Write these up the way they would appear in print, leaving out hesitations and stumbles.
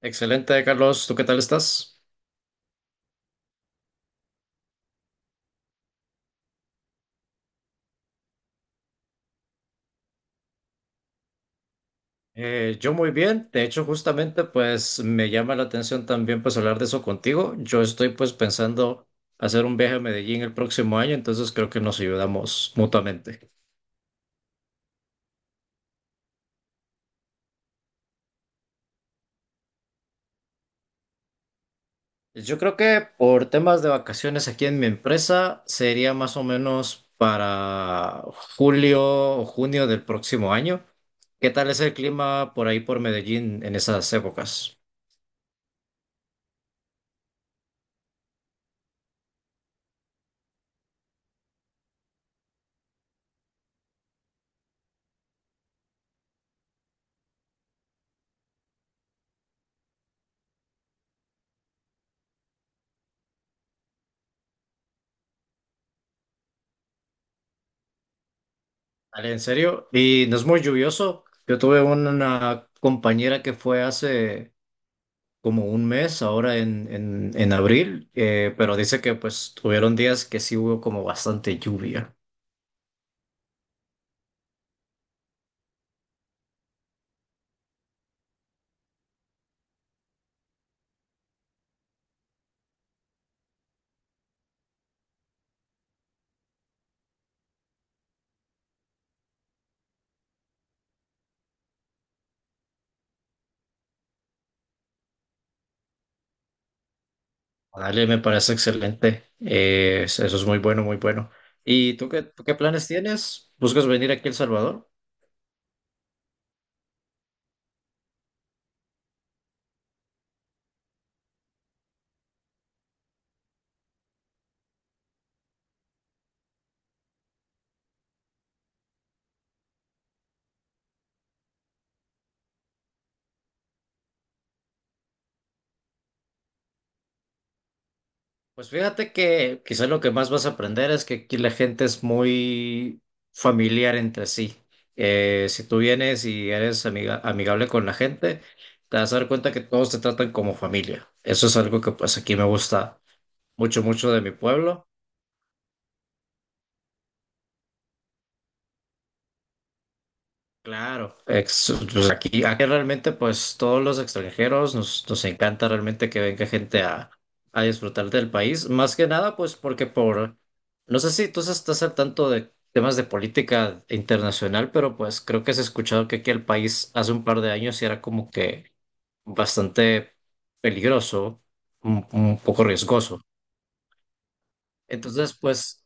Excelente, Carlos. ¿Tú qué tal estás? Yo muy bien. De hecho, justamente, pues me llama la atención también pues hablar de eso contigo. Yo estoy pues pensando hacer un viaje a Medellín el próximo año, entonces creo que nos ayudamos mutuamente. Yo creo que por temas de vacaciones aquí en mi empresa sería más o menos para julio o junio del próximo año. ¿Qué tal es el clima por ahí por Medellín en esas épocas? Dale, en serio. Y no es muy lluvioso. Yo tuve una compañera que fue hace como un mes, ahora en abril, pero dice que pues tuvieron días que sí hubo como bastante lluvia. Dale, me parece excelente. Eso es muy bueno, muy bueno. ¿Y tú qué planes tienes? ¿Buscas venir aquí a El Salvador? Pues fíjate que quizás lo que más vas a aprender es que aquí la gente es muy familiar entre sí. Si tú vienes y eres amigable con la gente, te vas a dar cuenta que todos te tratan como familia. Eso es algo que pues aquí me gusta mucho, mucho de mi pueblo. Claro, pues aquí realmente pues todos los extranjeros nos encanta realmente que venga gente a disfrutar del país, más que nada pues porque por, no sé si tú estás al tanto de temas de política internacional, pero pues creo que has escuchado que aquí el país hace un par de años sí era como que bastante peligroso, un poco riesgoso. Entonces pues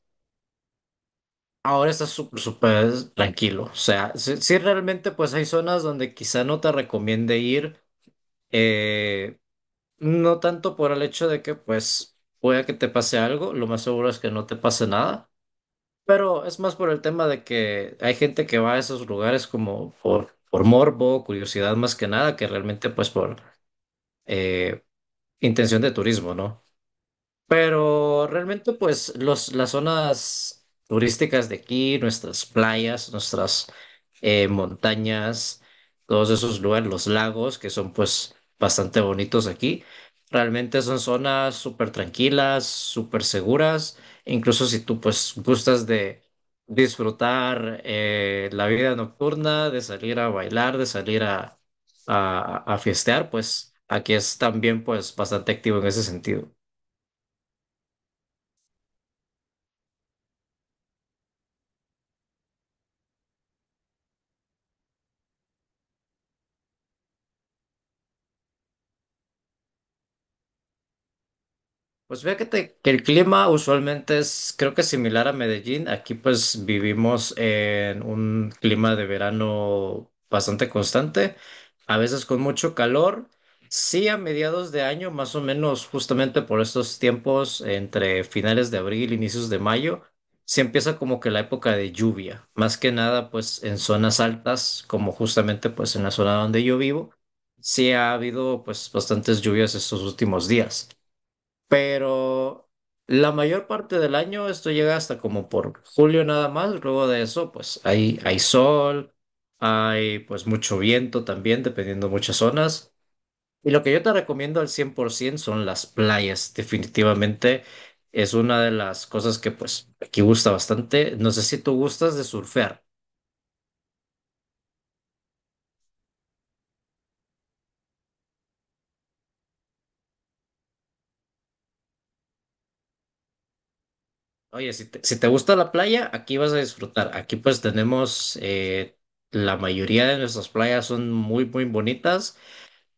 ahora está súper tranquilo. O sea, sí, sí realmente pues hay zonas donde quizá no te recomiende ir, eh, no tanto por el hecho de que pues pueda que te pase algo, lo más seguro es que no te pase nada, pero es más por el tema de que hay gente que va a esos lugares como por morbo, curiosidad más que nada, que realmente pues por eh, intención de turismo, ¿no? Pero realmente pues los, las zonas turísticas de aquí, nuestras playas, nuestras montañas, todos esos lugares, los lagos, que son pues bastante bonitos aquí. Realmente son zonas súper tranquilas, súper seguras, incluso si tú pues gustas de disfrutar la vida nocturna, de salir a bailar, de salir a fiestear, pues aquí es también pues bastante activo en ese sentido. Pues fíjate que el clima usualmente es, creo que similar a Medellín. Aquí pues vivimos en un clima de verano bastante constante, a veces con mucho calor. Sí, a mediados de año, más o menos justamente por estos tiempos, entre finales de abril, inicios de mayo, se empieza como que la época de lluvia. Más que nada pues en zonas altas, como justamente pues en la zona donde yo vivo, sí ha habido pues bastantes lluvias estos últimos días, pero la mayor parte del año esto llega hasta como por julio nada más, luego de eso pues hay sol, hay pues mucho viento también, dependiendo muchas zonas. Y lo que yo te recomiendo al 100% son las playas, definitivamente es una de las cosas que pues aquí gusta bastante. No sé si tú gustas de surfear. Oye, si te, si te gusta la playa, aquí vas a disfrutar. Aquí pues tenemos... la mayoría de nuestras playas son muy, muy bonitas.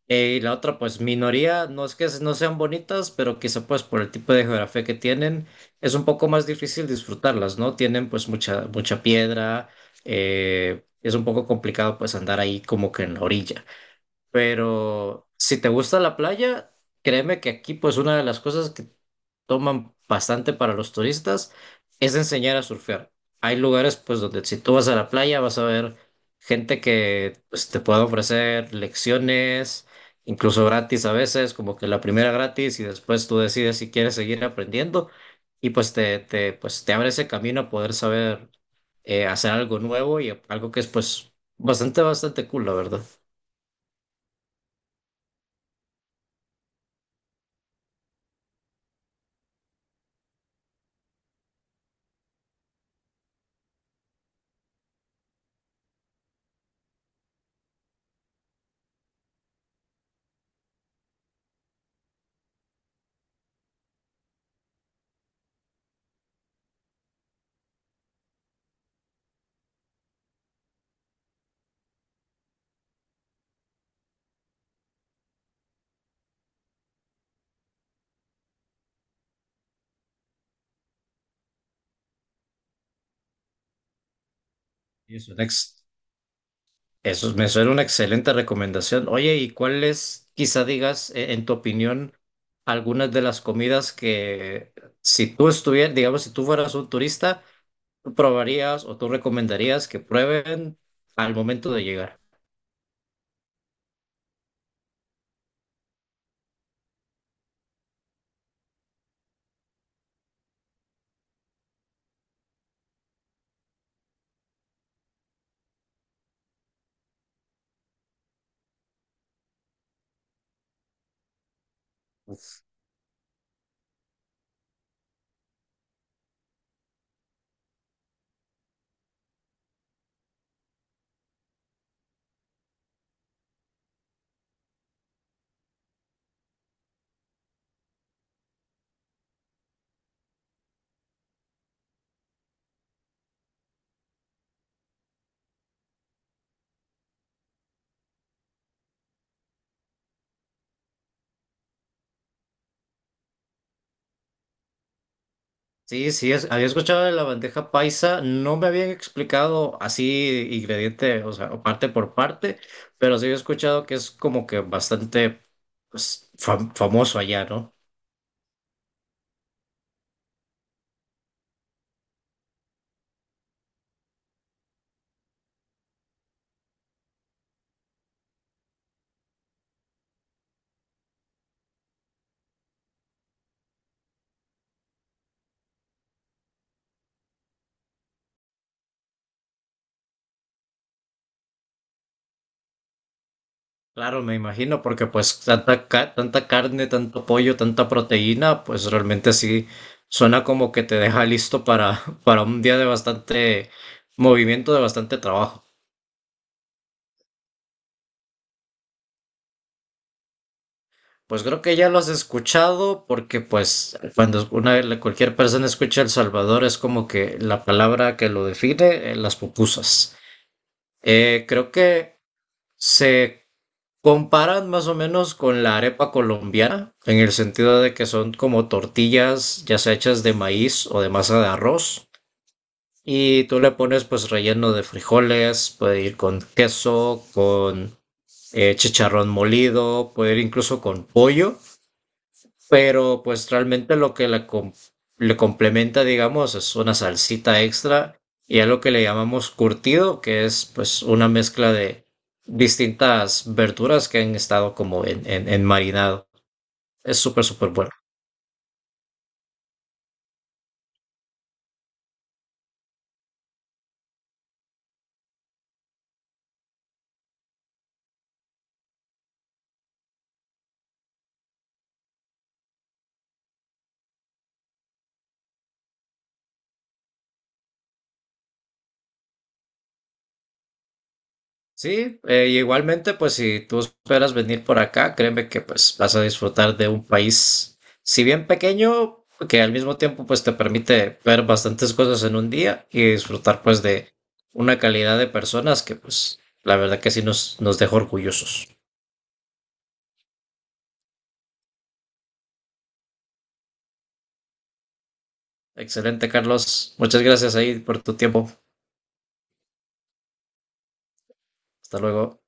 Y la otra, pues minoría, no es que no sean bonitas, pero quizá pues por el tipo de geografía que tienen, es un poco más difícil disfrutarlas, ¿no? Tienen pues mucha, mucha piedra, es un poco complicado pues andar ahí como que en la orilla. Pero si te gusta la playa, créeme que aquí pues una de las cosas que toman bastante para los turistas es enseñar a surfear. Hay lugares pues donde si tú vas a la playa vas a ver gente que pues, te puede ofrecer lecciones, incluso gratis a veces, como que la primera gratis y después tú decides si quieres seguir aprendiendo y pues te abre ese camino a poder saber hacer algo nuevo y algo que es pues bastante, bastante cool, la verdad. Y eso, next. Eso me suena una excelente recomendación. Oye, ¿y cuáles, quizá digas, en tu opinión, algunas de las comidas que si tú estuvieras, digamos, si tú fueras un turista, tú probarías o tú recomendarías que prueben al momento de llegar? Sí, sí, había escuchado de la bandeja paisa, no me habían explicado así ingrediente, o sea, o parte por parte, pero sí había escuchado que es como que bastante pues, famoso allá, no. Claro, me imagino, porque pues tanta, tanta carne, tanto pollo, tanta proteína, pues realmente sí suena como que te deja listo para, para un día de bastante movimiento, de bastante trabajo. Pues creo que ya lo has escuchado, porque pues cuando una, cualquier persona escucha El Salvador es como que la palabra que lo define, las pupusas. Creo que se comparan más o menos con la arepa colombiana, en el sentido de que son como tortillas ya sea hechas de maíz o de masa de arroz. Y tú le pones pues relleno de frijoles, puede ir con queso, con chicharrón molido, puede ir incluso con pollo, pero pues realmente lo que le, le complementa, digamos, es una salsita extra y algo que le llamamos curtido, que es pues una mezcla de distintas verduras que han estado como en marinado. Es súper, súper bueno. Sí, y igualmente, pues si tú esperas venir por acá, créeme que pues vas a disfrutar de un país, si bien pequeño, que al mismo tiempo pues te permite ver bastantes cosas en un día y disfrutar pues de una calidad de personas que pues la verdad que sí nos dejó orgullosos. Excelente, Carlos. Muchas gracias ahí por tu tiempo. Hasta luego.